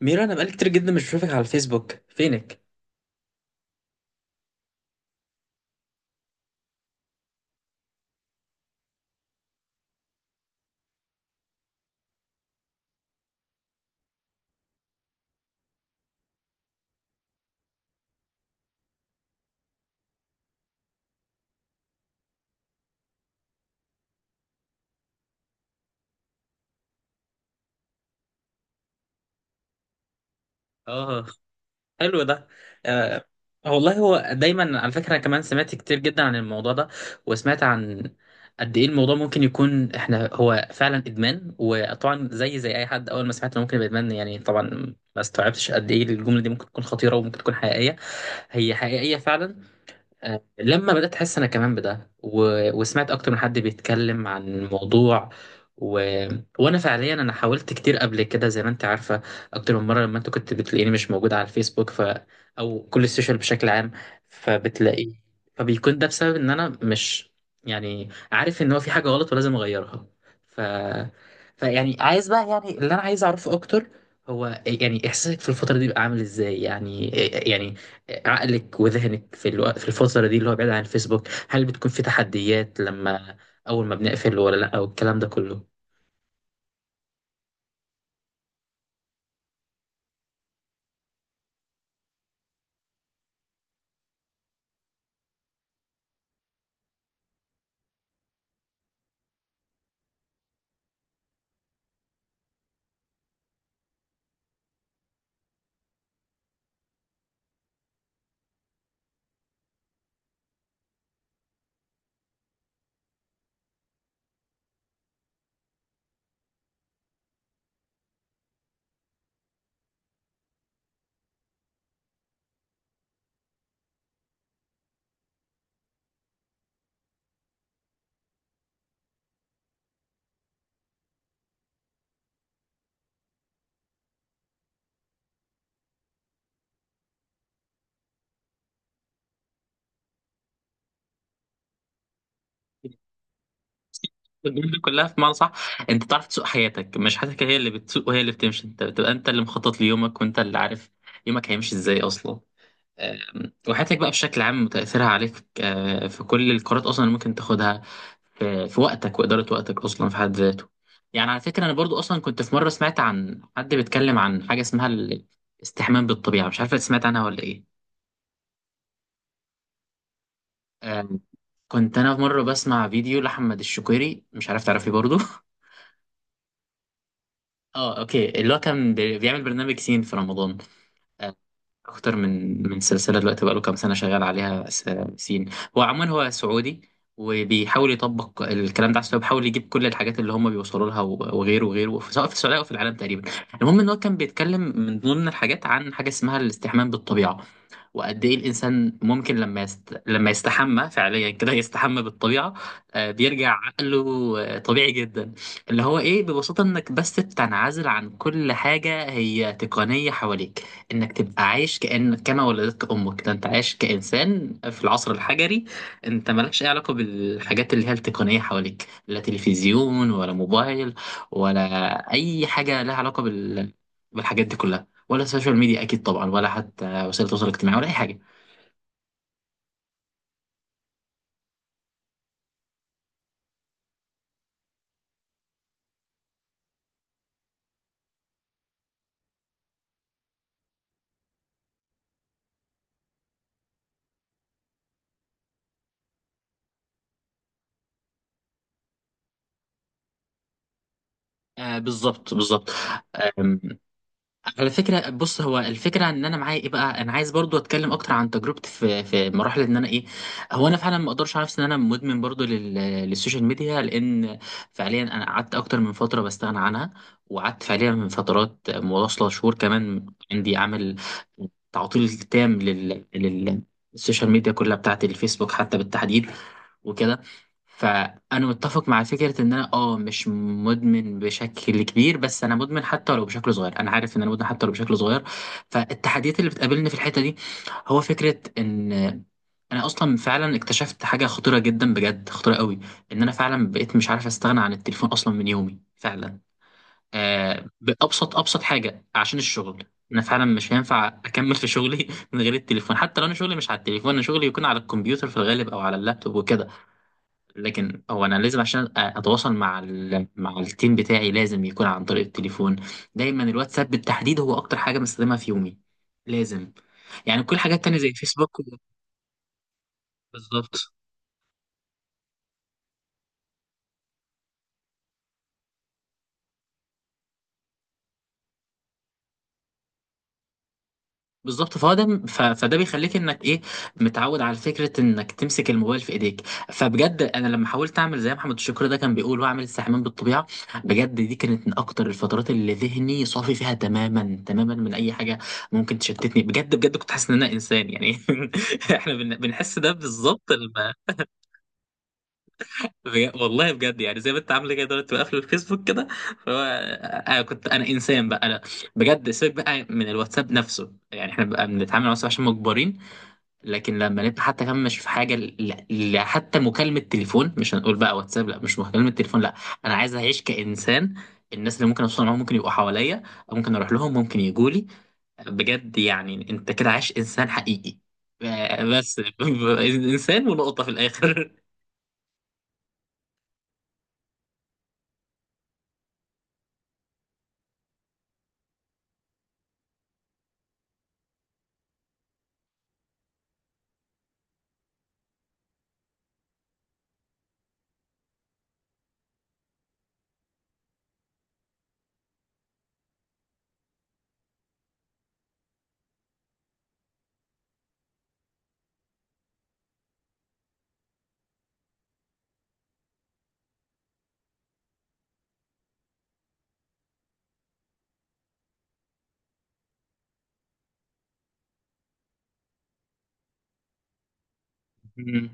ميرو، انا بقالي كتير جدا مش بشوفك على الفيسبوك، فينك؟ اه. حلو ده. آه. والله هو دايما على فكره انا كمان سمعت كتير جدا عن الموضوع ده. وسمعت عن قد ايه الموضوع ممكن يكون احنا هو فعلا ادمان. وطبعا زي اي حد اول ما سمعت انه ممكن يبقى ادمان يعني طبعا ما استوعبتش قد ايه الجمله دي ممكن تكون خطيره وممكن تكون حقيقيه. هي حقيقيه فعلا. لما بدأت أحس أنا كمان بده وسمعت أكتر من حد بيتكلم عن الموضوع و... وأنا فعليا أنا حاولت كتير قبل كده زي ما أنت عارفة، أكتر من مرة لما أنت كنت بتلاقيني مش موجود على الفيسبوك، أو كل السوشيال بشكل عام فبتلاقي. فبيكون ده بسبب إن أنا مش يعني عارف إن هو في حاجة غلط ولازم أغيرها. ف... فيعني عايز بقى، يعني اللي أنا عايز أعرفه أكتر هو يعني إحساسك في الفترة دي بقى عامل إزاي، يعني يعني عقلك وذهنك في الوقت في الفترة دي اللي هو بعيد عن الفيسبوك، هل بتكون في تحديات لما أول ما بنقفل ولا لأ والكلام ده كله؟ الجملة دي كلها في معنى صح. انت تعرف تسوق حياتك، مش حياتك هي اللي بتسوق وهي اللي بتمشي. انت بتبقى انت اللي مخطط ليومك وانت اللي عارف يومك هيمشي ازاي اصلا. وحياتك بقى بشكل عام وتأثيرها عليك، في كل القرارات اصلا اللي ممكن تاخدها في وقتك وإدارة وقتك أصلا في حد ذاته. يعني على فكرة أنا برضو أصلا كنت في مرة سمعت عن حد بيتكلم عن حاجة اسمها الاستحمام بالطبيعة، مش عارف سمعت عنها ولا إيه. آم، كنت أنا في مرة بسمع فيديو لأحمد الشقيري، مش عارف تعرفيه برضو. اه، اوكي، اللي هو كان بيعمل برنامج سين في رمضان. آه، اكتر من سلسله دلوقتي بقاله كام سنه شغال عليها. سين. هو عموما هو سعودي، وبيحاول يطبق الكلام ده على السعوديه، بيحاول يجيب كل الحاجات اللي هم بيوصلوا لها وغيره وغيره، سواء في السعوديه او في العالم تقريبا. المهم ان هو كان بيتكلم من ضمن الحاجات عن حاجه اسمها الاستحمام بالطبيعه. وقد ايه الانسان ممكن لما لما يستحمى فعليا كده يستحمى بالطبيعه. بيرجع عقله طبيعي جدا. اللي هو ايه ببساطه، انك بس تنعزل عن كل حاجه هي تقنيه حواليك. انك تبقى عايش كأن كما ولدتك امك. ده انت عايش كانسان في العصر الحجري. انت مالكش اي علاقه بالحاجات اللي هي التقنيه حواليك، لا تلفزيون ولا موبايل ولا اي حاجه لها علاقه بالحاجات دي كلها، ولا سوشيال ميديا اكيد طبعا، ولا حتى وسائل التواصل الاجتماعي ولا اي حاجه. آه بالظبط بالظبط. آم، على فكره بص، هو الفكره ان انا معايا ايه بقى. انا عايز برضو اتكلم اكتر عن تجربتي في مراحل ان انا ايه. هو انا فعلا ما اقدرش على نفسي ان انا مدمن برضو للسوشيال ميديا، لان فعليا انا قعدت اكتر من فتره بستغنى عنها، وقعدت فعليا من فترات متواصله شهور كمان عندي عامل تعطيل تام لل السوشيال ميديا كلها بتاعت الفيسبوك حتى بالتحديد وكده. فانا متفق مع فكره ان انا اه مش مدمن بشكل كبير، بس انا مدمن حتى ولو بشكل صغير. انا عارف ان انا مدمن حتى ولو بشكل صغير. فالتحديات اللي بتقابلني في الحته دي هو فكره ان انا اصلا فعلا اكتشفت حاجه خطيره جدا، بجد خطيره قوي. ان انا فعلا بقيت مش عارف استغنى عن التليفون اصلا من يومي فعلا. آه، بابسط ابسط حاجه عشان الشغل. انا فعلا مش هينفع اكمل في شغلي من غير التليفون. حتى لو انا شغلي مش على التليفون، انا شغلي يكون على الكمبيوتر في الغالب او على اللابتوب وكده، لكن هو انا لازم عشان اتواصل مع مع التيم بتاعي لازم يكون عن طريق التليفون. دايما الواتساب بالتحديد هو اكتر حاجه بستخدمها في يومي لازم. يعني كل الحاجات التانية زي الفيسبوك. بالظبط بالظبط. فهو ده، فده بيخليك انك ايه، متعود على فكره انك تمسك الموبايل في ايديك. فبجد انا لما حاولت اعمل زي محمد الشكر ده كان بيقول واعمل استحمام بالطبيعه، بجد دي كانت من اكتر الفترات اللي ذهني صافي فيها تماما تماما من اي حاجه ممكن تشتتني. بجد بجد كنت حاسس ان انا انسان يعني. احنا بنحس ده بالظبط لما والله بجد يعني زي ما انت عامله كده دلوقتي بقفل الفيسبوك كده. فهو انا كنت انا انسان بقى انا. بجد سيبك بقى من الواتساب نفسه، يعني احنا بقى بنتعامل مع الواتساب عشان مجبرين، لكن لما نبقى حتى كمان مش في حاجه حتى مكالمه تليفون. مش هنقول بقى واتساب، لا. مش مكالمه تليفون، لا. انا عايز اعيش كانسان. الناس اللي ممكن اوصل معاهم ممكن يبقوا حواليا، أو ممكن اروح لهم ممكن يجوا لي. بجد يعني انت كده عايش انسان حقيقي. آه، بس. انسان ونقطه في الاخر. مم.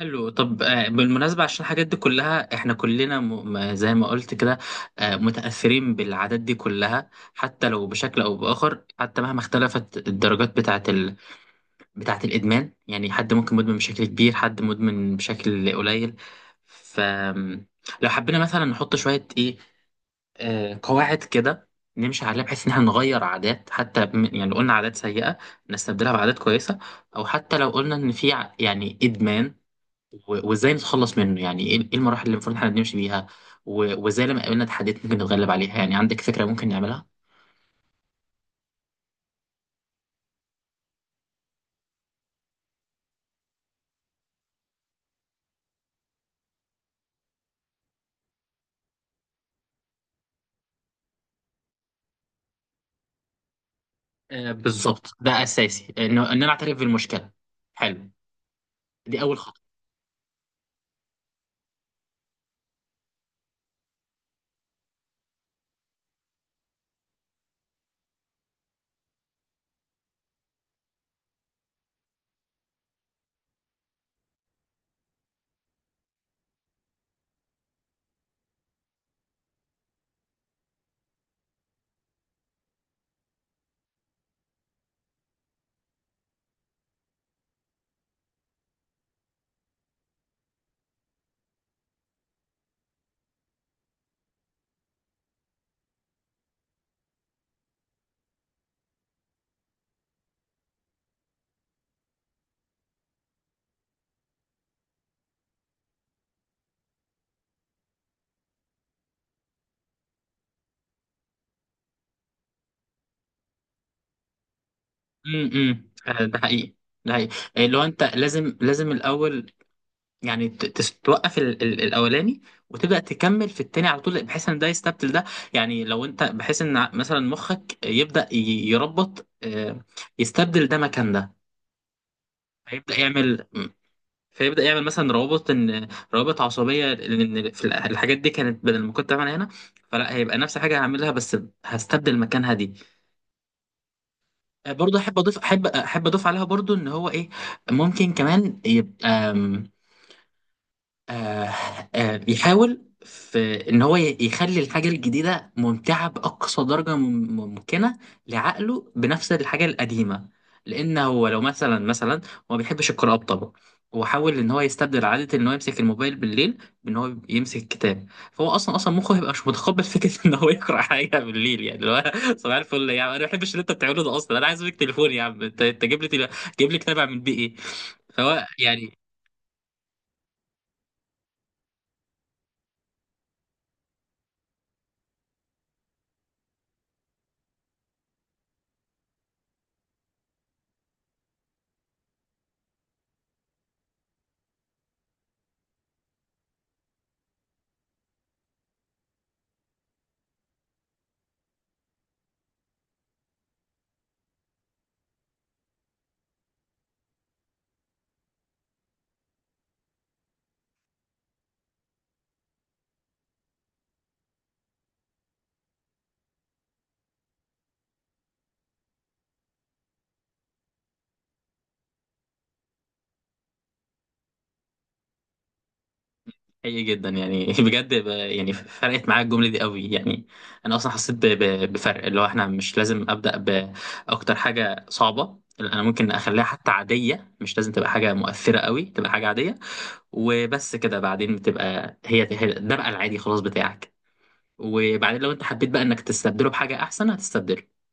حلو، طب بالمناسبة عشان الحاجات دي كلها احنا كلنا زي ما قلت كده، متأثرين بالعادات دي كلها حتى لو بشكل أو بآخر، حتى مهما اختلفت الدرجات بتاعة الإدمان. يعني حد ممكن مدمن بشكل كبير، حد مدمن بشكل قليل. ف لو حبينا مثلا نحط شوية إيه، آه، قواعد كده نمشي عليها بحيث إن احنا نغير عادات، حتى يعني لو قلنا عادات سيئة نستبدلها بعادات كويسة. أو حتى لو قلنا إن في يعني إدمان، وإزاي نتخلص منه، يعني إيه إيه المراحل اللي المفروض إحنا نمشي بيها. وإزاي لما قابلنا تحديات ممكن نتغلب عليها، يعني عندك فكرة ممكن نعملها؟ آه بالظبط، ده أساسي إنه إن أنا أعترف بالمشكلة. حلو. دي أول خطوة. آه، ده حقيقي. ده حقيقي لو انت لازم الاول يعني توقف الاولاني وتبدا تكمل في التاني على طول بحيث ان ده يستبدل ده. يعني لو انت بحيث ان مثلا مخك يبدا يربط، يستبدل ده مكان ده. فيبدا يعمل مم. فيبدا يعمل مثلا روابط ان روابط عصبيه لان في الحاجات دي كانت بدل ما كنت بعملها هنا، فلا هيبقى نفس حاجه هعملها بس هستبدل مكانها دي. برضه احب اضيف، احب اضيف عليها برضه ان هو ايه، ممكن كمان يبقى آه آه بيحاول في ان هو يخلي الحاجه الجديده ممتعه باقصى درجه ممكنه لعقله بنفس الحاجه القديمه. لان هو لو مثلا هو ما بيحبش القراءه بطبعه. هو حاول ان هو يستبدل عاده ان هو يمسك الموبايل بالليل بان هو يمسك الكتاب. فهو اصلا مخه هيبقى مش متقبل فكره ان هو يقرا حاجه بالليل، يعني اللي هو صباح الفل يا عم انا ما بحبش اللي انت بتعمله ده اصلا. انا عايز منك تليفون يا عم، انت جيب لي كتاب اعمل بيه ايه. فهو يعني. حقيقي جدا يعني. بجد يعني فرقت معايا الجمله دي قوي يعني. انا اصلا حسيت بفرق، اللي هو احنا مش لازم ابدا باكتر حاجه صعبه. لأ، انا ممكن اخليها حتى عاديه، مش لازم تبقى حاجه مؤثره قوي، تبقى حاجه عاديه. وبس كده بعدين بتبقى ده بقى العادي خلاص بتاعك. وبعدين لو انت حبيت بقى انك تستبدله بحاجه احسن هتستبدله.